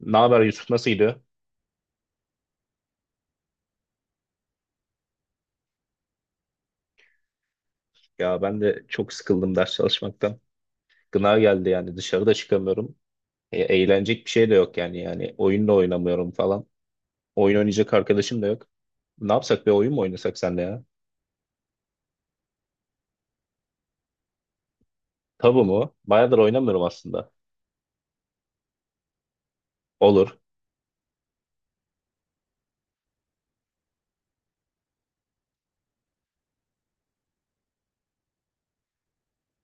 Ne haber Yusuf, nasıl gidiyor? Ya ben de çok sıkıldım ders çalışmaktan. Gına geldi, yani dışarıda çıkamıyorum. Eğlenecek bir şey de yok yani. Yani oyun da oynamıyorum falan. Oyun oynayacak arkadaşım da yok. Ne yapsak, bir oyun mu oynasak senle ya? Tabu mu? Bayağıdır oynamıyorum aslında. Olur.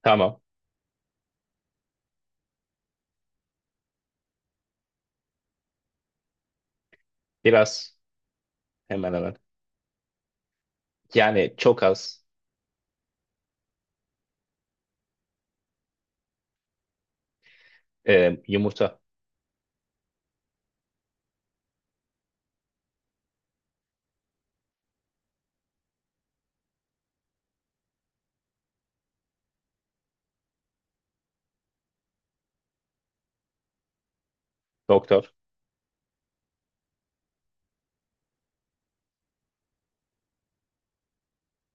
Tamam. Biraz. Hemen hemen. Yani çok az. Yumurta. Doktor.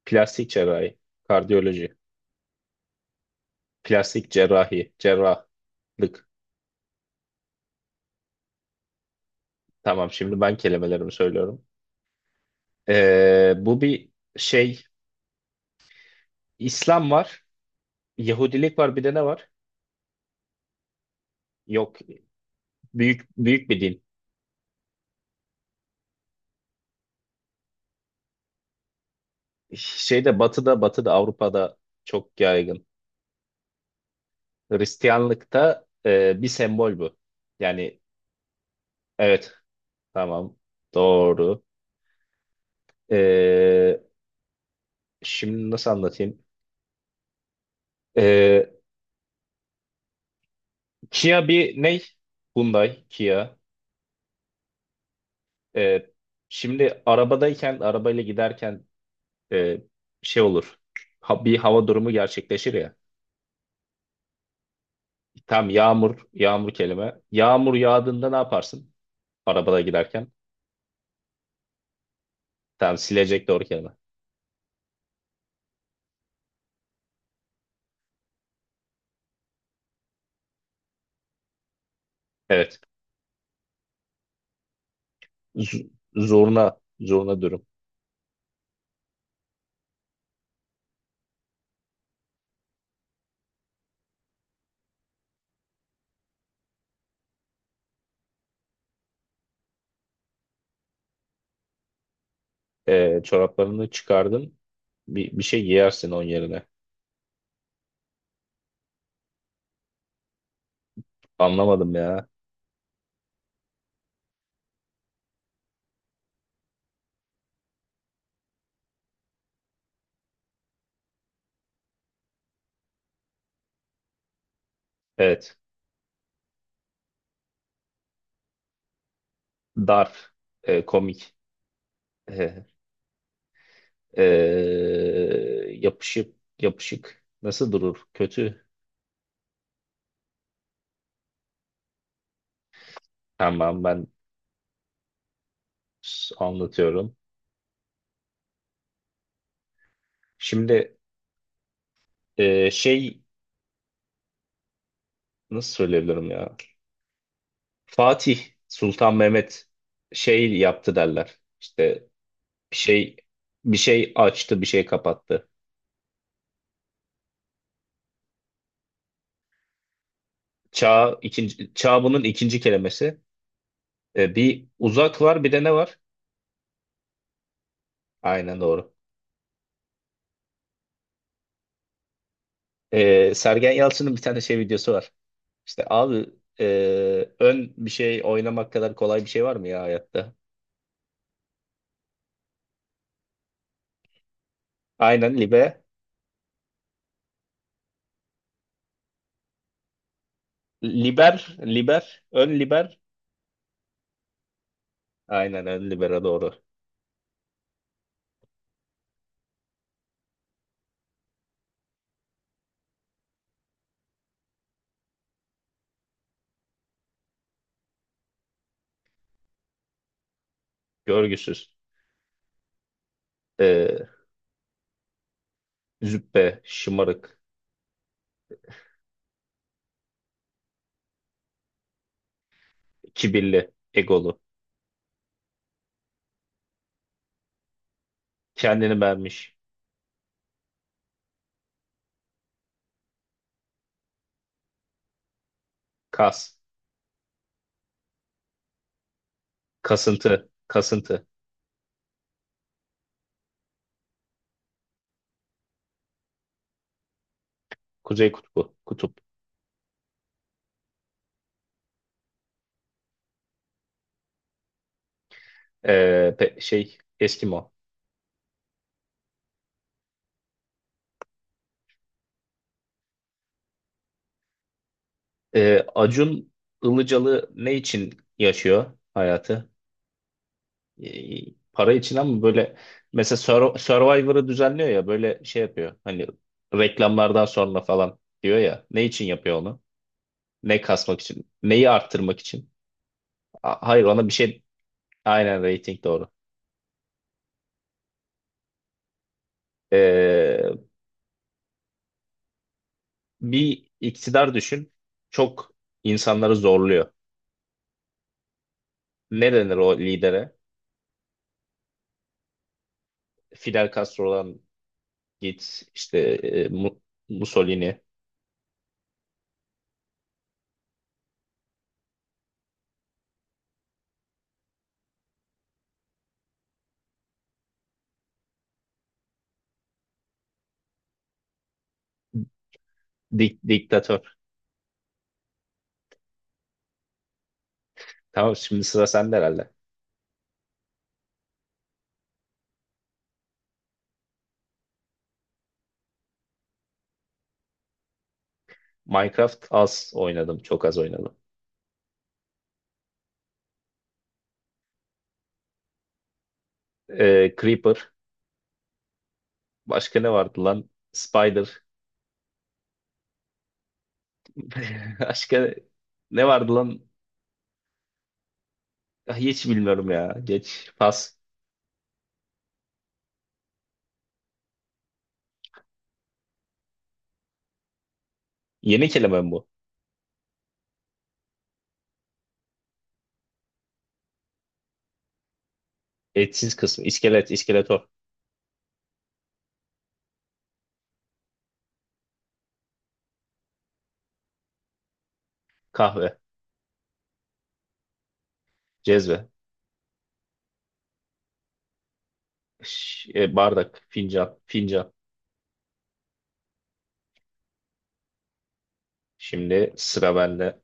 Plastik cerrahi. Kardiyoloji. Plastik cerrahi. Cerrahlık. Tamam, şimdi ben kelimelerimi söylüyorum. Bu bir şey, İslam var, Yahudilik var, bir de ne var? Yok, büyük büyük bir din. Şeyde Batı'da, Batı'da, Avrupa'da çok yaygın. Hristiyanlıkta bir sembol bu. Yani evet, tamam, doğru. E, Şimdi nasıl anlatayım? E, Kia bir ne? Hyundai, Kia. E, Şimdi arabadayken, arabayla giderken e, şey olur. Bir hava durumu gerçekleşir ya. Tam yağmur, yağmur kelime. Yağmur yağdığında ne yaparsın? Arabada giderken. Tam silecek doğru kelime. Evet. Zurna, zurna dürüm. Çoraplarını çıkardın. Bir şey giyersin onun yerine. Anlamadım ya. Evet. Darf. Komik. Ee, ee, Yapışık, yapışık. Nasıl durur? Kötü. Tamam, ben anlatıyorum. Şimdi şey, nasıl söyleyebilirim ya? Fatih Sultan Mehmet şey yaptı derler. İşte bir şey, bir şey açtı, bir şey kapattı. Çağ, ikinci çağ bunun ikinci kelimesi. Bir uzak var, bir de ne var? Aynen doğru. Sergen Yalçın'ın bir tane şey videosu var. İşte abi, e, ön bir şey oynamak kadar kolay bir şey var mı ya hayatta? Aynen liber ön liber. Aynen ön libero doğru. Görgüsüz. Ee, Züppe, şımarık, kibirli, egolu. Kendini beğenmiş. Kas. Kasıntı. Kasıntı. Kuzey kutbu. Kutup. Ee, Şey, Eskimo. Acun Ilıcalı ne için yaşıyor hayatı? E, para için, ama böyle mesela Survivor'ı düzenliyor ya, böyle şey yapıyor. Hani reklamlardan sonra falan diyor ya. Ne için yapıyor onu? Ne kasmak için? Neyi arttırmak için? Hayır, ona bir şey, aynen rating doğru. Ee, Bir iktidar düşün. Çok insanları zorluyor. Ne denir o lidere? Fidel Castro'dan git işte, Mussolini, diktatör. Tamam, şimdi sıra sende herhalde. Minecraft az oynadım, çok az oynadım. Creeper. Başka ne vardı lan? Spider. Başka ne vardı lan? Ah, hiç bilmiyorum ya. Geç. Pas. Yeni kelime mi bu? Etsiz kısmı. İskelet, iskeletor. Kahve. Cezve. Bardak. Fincan. Fincan. Şimdi sıra bende.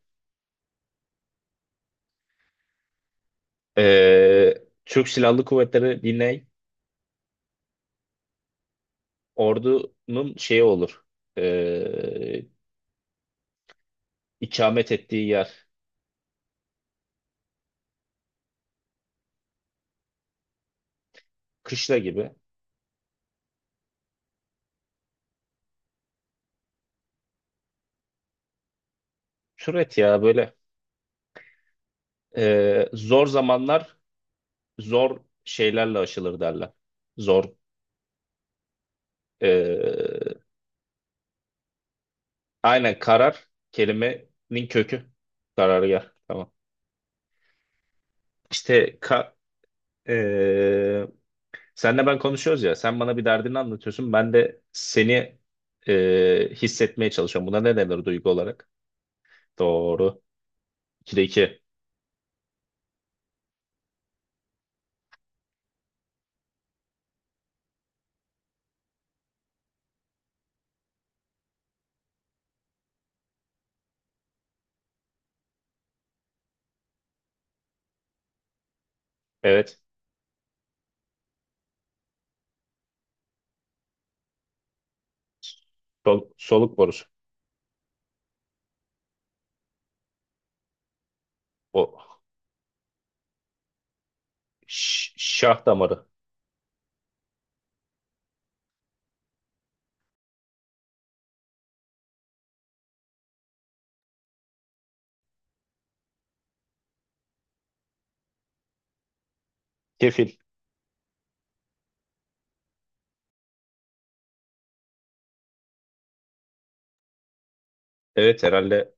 Ee, Türk Silahlı Kuvvetleri dinley. Ordunun şeyi olur. Ee, ikamet ettiği yer. Kışla gibi. Türet ya böyle. Zor zamanlar zor şeylerle aşılır derler. Zor. e, aynen karar, kelimenin kökü. Karargah. Tamam. İşte e, senle ben konuşuyoruz ya. Sen bana bir derdini anlatıyorsun. Ben de seni hissetmeye çalışıyorum. Buna ne denir duygu olarak? Doğru. 2'de 2. Evet. Soluk borusu. O şah damarı. Kefil. Evet herhalde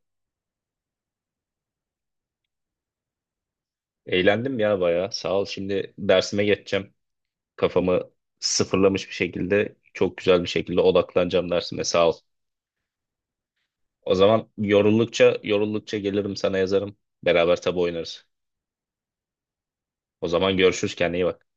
eğlendim ya bayağı. Sağ ol. Şimdi dersime geçeceğim. Kafamı sıfırlamış bir şekilde, çok güzel bir şekilde odaklanacağım dersime. Sağ ol. O zaman yoruldukça gelirim, sana yazarım. Beraber tabu oynarız. O zaman görüşürüz, kendine iyi bak.